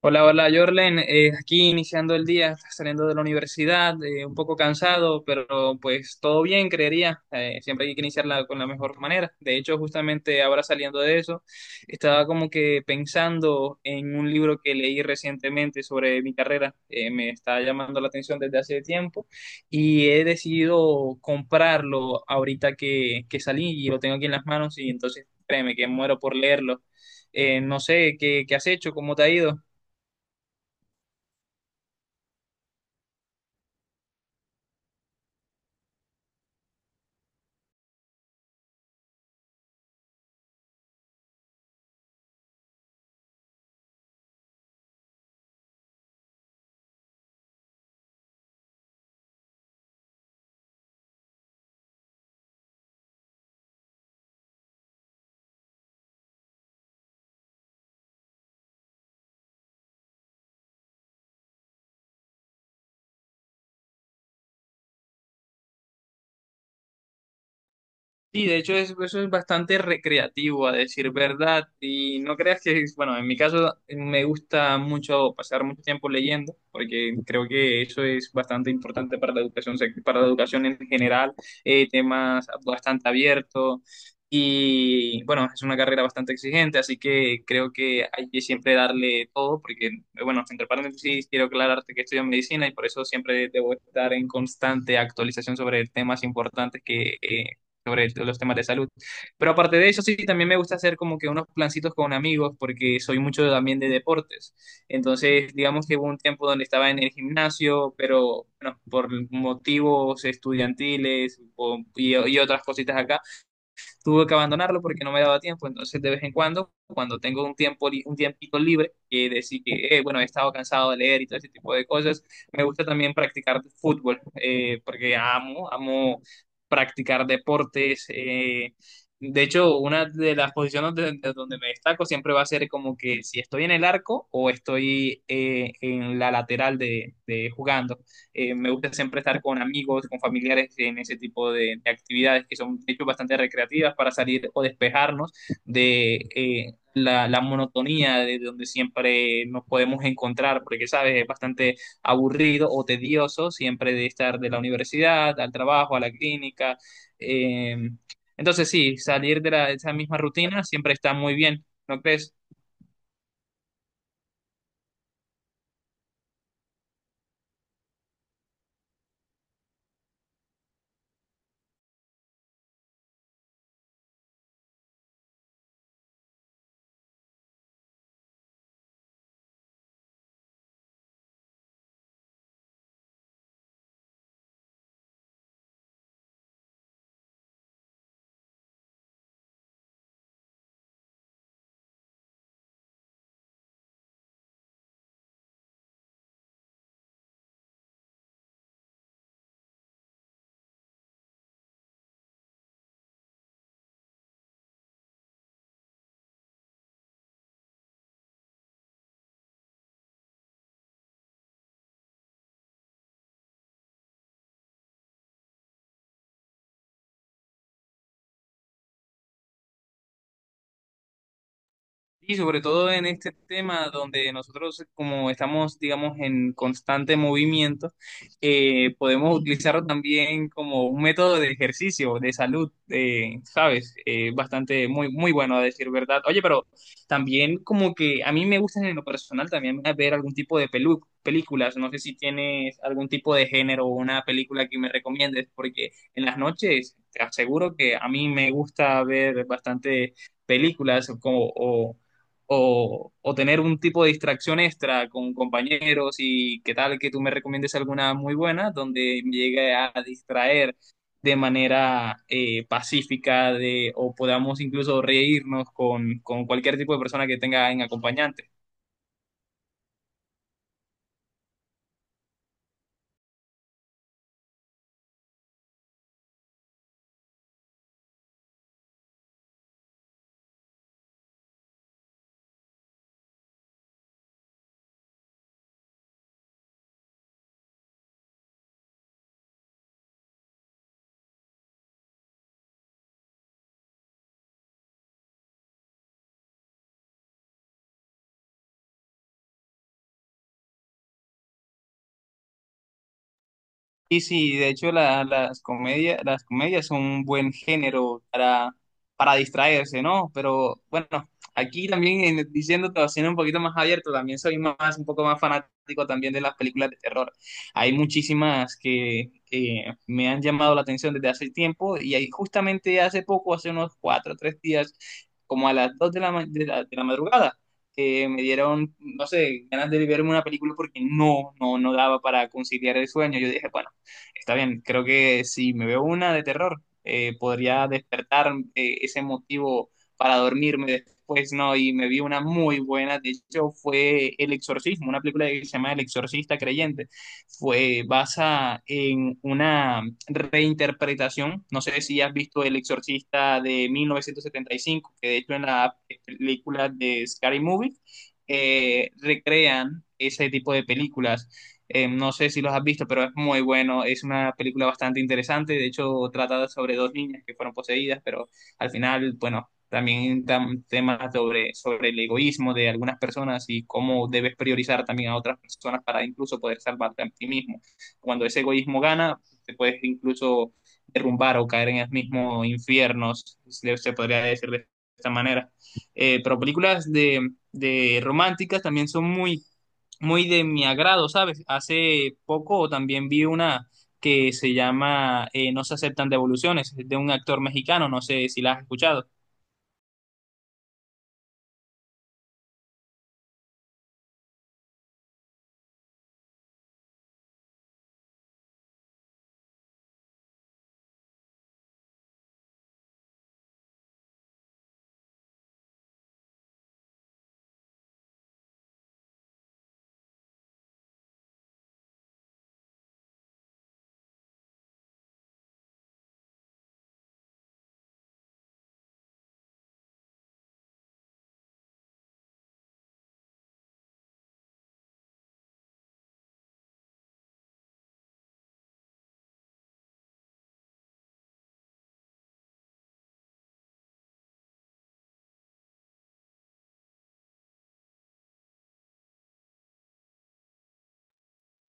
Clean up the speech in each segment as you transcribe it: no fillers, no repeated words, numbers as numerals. Hola, hola, Jorlen. Aquí iniciando el día, saliendo de la universidad, un poco cansado, pero pues todo bien, creería. Siempre hay que iniciarla con la mejor manera. De hecho, justamente ahora saliendo de eso, estaba como que pensando en un libro que leí recientemente sobre mi carrera. Me está llamando la atención desde hace tiempo y he decidido comprarlo ahorita que salí y lo tengo aquí en las manos y entonces créeme que muero por leerlo. No sé, ¿qué has hecho? ¿Cómo te ha ido? Sí, de hecho eso es bastante recreativo, a decir verdad. Y no creas que, bueno, en mi caso me gusta mucho pasar mucho tiempo leyendo, porque creo que eso es bastante importante para la educación, sec para la educación en general, temas bastante abiertos. Y bueno, es una carrera bastante exigente, así que creo que hay que siempre darle todo, porque, bueno, entre paréntesis, quiero aclararte que estudio medicina y por eso siempre debo estar en constante actualización sobre temas importantes que sobre los temas de salud. Pero aparte de eso, sí, también me gusta hacer como que unos plancitos con amigos porque soy mucho también de deportes. Entonces, digamos que hubo un tiempo donde estaba en el gimnasio, pero bueno, por motivos estudiantiles y otras cositas acá tuve que abandonarlo porque no me daba tiempo. Entonces, de vez en cuando, cuando tengo un tiempo, un tiempito libre, que decir que, bueno, he estado cansado de leer y todo ese tipo de cosas, me gusta también practicar fútbol, porque amo, amo practicar deportes. De hecho, una de las posiciones donde, de donde me destaco siempre va a ser como que si estoy en el arco o estoy en la lateral de jugando. Me gusta siempre estar con amigos, con familiares en ese tipo de actividades que son, de hecho, bastante recreativas para salir o despejarnos de la monotonía de donde siempre nos podemos encontrar, porque, sabes, es bastante aburrido o tedioso siempre de estar de la universidad al trabajo, a la clínica. Eh, entonces, sí, salir de, la, de esa misma rutina siempre está muy bien, ¿no crees? Y sobre todo en este tema donde nosotros, como estamos, digamos, en constante movimiento, podemos utilizarlo también como un método de ejercicio, de salud, ¿sabes? Bastante, muy, muy bueno a decir verdad. Oye, pero también como que a mí me gustan en lo personal también ver algún tipo de películas. No sé si tienes algún tipo de género o una película que me recomiendes, porque en las noches te aseguro que a mí me gusta ver bastante películas como, o o tener un tipo de distracción extra con compañeros y qué tal que tú me recomiendes alguna muy buena donde me llegue a distraer de manera pacífica de, o podamos incluso reírnos con cualquier tipo de persona que tenga en acompañante. Y sí, de hecho las comedias son un buen género para distraerse, ¿no? Pero bueno, aquí también diciéndote, o siendo un poquito más abierto, también soy más, un poco más fanático también de las películas de terror. Hay muchísimas que me han llamado la atención desde hace tiempo y ahí justamente hace poco, hace unos cuatro o tres días, como a las dos de la, de la, de la madrugada. Me dieron, no sé, ganas de verme una película porque no, no, no daba para conciliar el sueño. Yo dije, bueno, está bien, creo que si me veo una de terror, podría despertar ese motivo para dormirme después, ¿no? Y me vi una muy buena, de hecho fue El Exorcismo, una película que se llama El Exorcista Creyente. Fue basada en una reinterpretación, no sé si has visto El Exorcista de 1975, que de hecho en la película de Scary Movie recrean ese tipo de películas no sé si los has visto, pero es muy bueno. Es una película bastante interesante. De hecho, trata sobre dos niñas que fueron poseídas, pero al final, bueno, también dan temas sobre, sobre el egoísmo de algunas personas y cómo debes priorizar también a otras personas para incluso poder salvarte a ti mismo. Cuando ese egoísmo gana, te puedes incluso derrumbar o caer en el mismo infierno, se podría decir de esta manera. Pero películas de románticas también son muy muy de mi agrado, ¿sabes? Hace poco también vi una que se llama No se aceptan devoluciones, es de un actor mexicano, no sé si la has escuchado.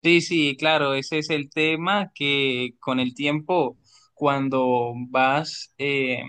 Sí, sí, claro, ese es el tema que con el tiempo, cuando vas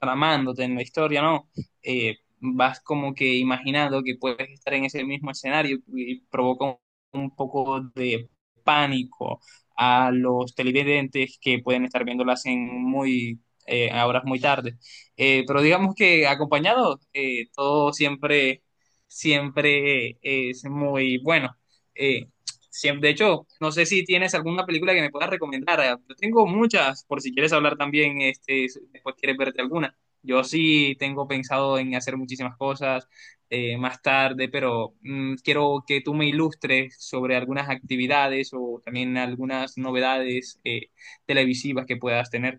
tramándote en la historia, ¿no? Vas como que imaginando que puedes estar en ese mismo escenario y provoca un poco de pánico a los televidentes que pueden estar viéndolas en muy a horas muy tarde. Pero digamos que acompañado, todo siempre, siempre es muy bueno. Eh, Siempre, de hecho, no sé si tienes alguna película que me puedas recomendar. Yo tengo muchas, por si quieres hablar también, este, después quieres verte alguna. Yo sí tengo pensado en hacer muchísimas cosas más tarde, pero quiero que tú me ilustres sobre algunas actividades o también algunas novedades televisivas que puedas tener.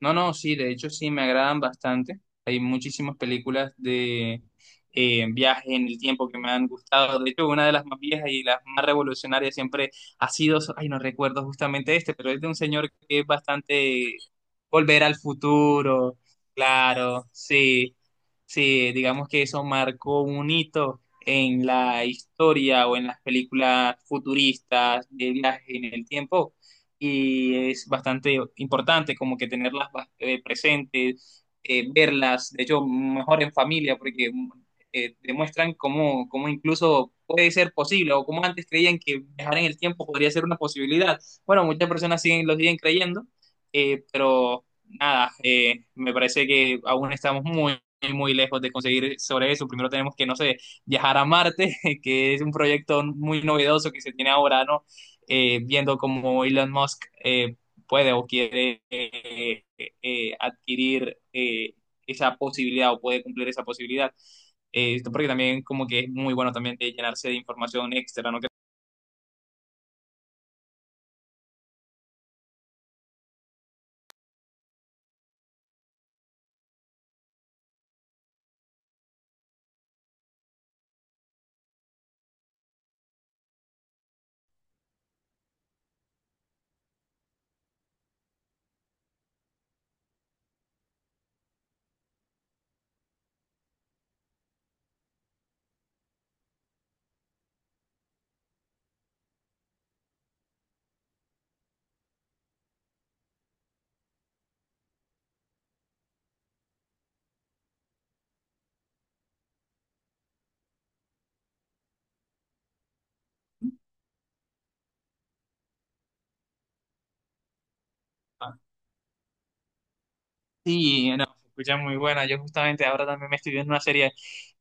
No, no, sí, de hecho sí me agradan bastante. Hay muchísimas películas de viaje en el tiempo que me han gustado. De hecho, una de las más viejas y las más revolucionarias siempre ha sido, so, ay, no recuerdo justamente este, pero es de un señor que es bastante volver al futuro. Claro, sí, sí, digamos que eso marcó un hito en la historia o en las películas futuristas de viaje en el tiempo y es bastante importante como que tenerlas presentes, verlas, de hecho, mejor en familia, porque demuestran cómo, cómo incluso puede ser posible o como antes creían que viajar en el tiempo podría ser una posibilidad. Bueno, muchas personas siguen, lo siguen creyendo, pero nada, me parece que aún estamos muy muy lejos de conseguir sobre eso. Primero tenemos que, no sé, viajar a Marte, que es un proyecto muy novedoso que se tiene ahora, ¿no? Viendo cómo Elon Musk puede o quiere adquirir esa posibilidad o puede cumplir esa posibilidad. Porque también como que es muy bueno también de llenarse de información extra, ¿no? Sí, no, se escucha muy buena. Yo justamente ahora también me estoy viendo una serie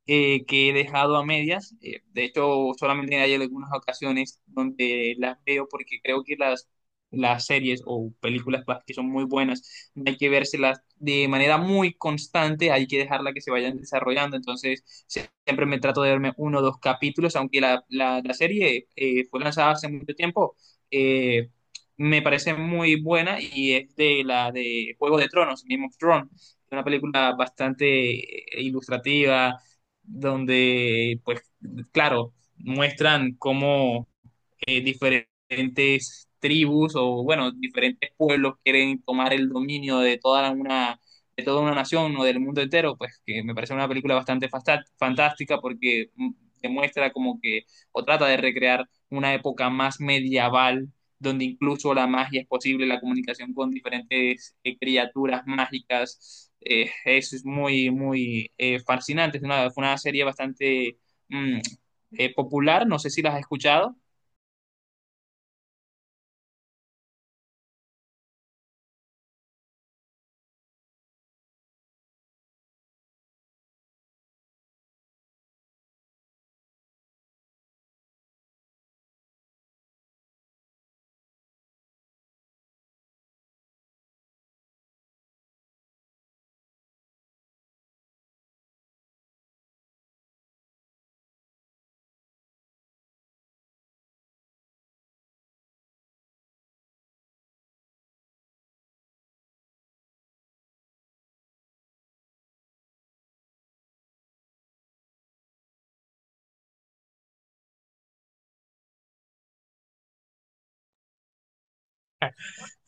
que he dejado a medias. De hecho, solamente hay algunas ocasiones donde las veo porque creo que las series o películas pues, que son muy buenas, no hay que vérselas de manera muy constante, hay que dejarla que se vayan desarrollando. Entonces, siempre me trato de verme uno o dos capítulos, aunque la serie fue lanzada hace mucho tiempo. eh, Me parece muy buena y es de la de Juego de Tronos, Game of Thrones, es una película bastante ilustrativa donde, pues, claro, muestran cómo diferentes tribus o, bueno, diferentes pueblos quieren tomar el dominio de toda una nación o del mundo entero, pues que me parece una película bastante fantástica porque demuestra como que, o trata de recrear una época más medieval, donde incluso la magia es posible, la comunicación con diferentes criaturas mágicas. Eso es muy, muy fascinante. Es una, fue una serie bastante mm, popular, no sé si la has escuchado.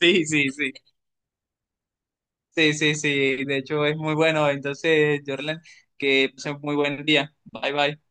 Sí, sí, sí, sí, sí, sí, de hecho es muy bueno. Entonces, Jordan, que pasen muy buen día. Bye, bye.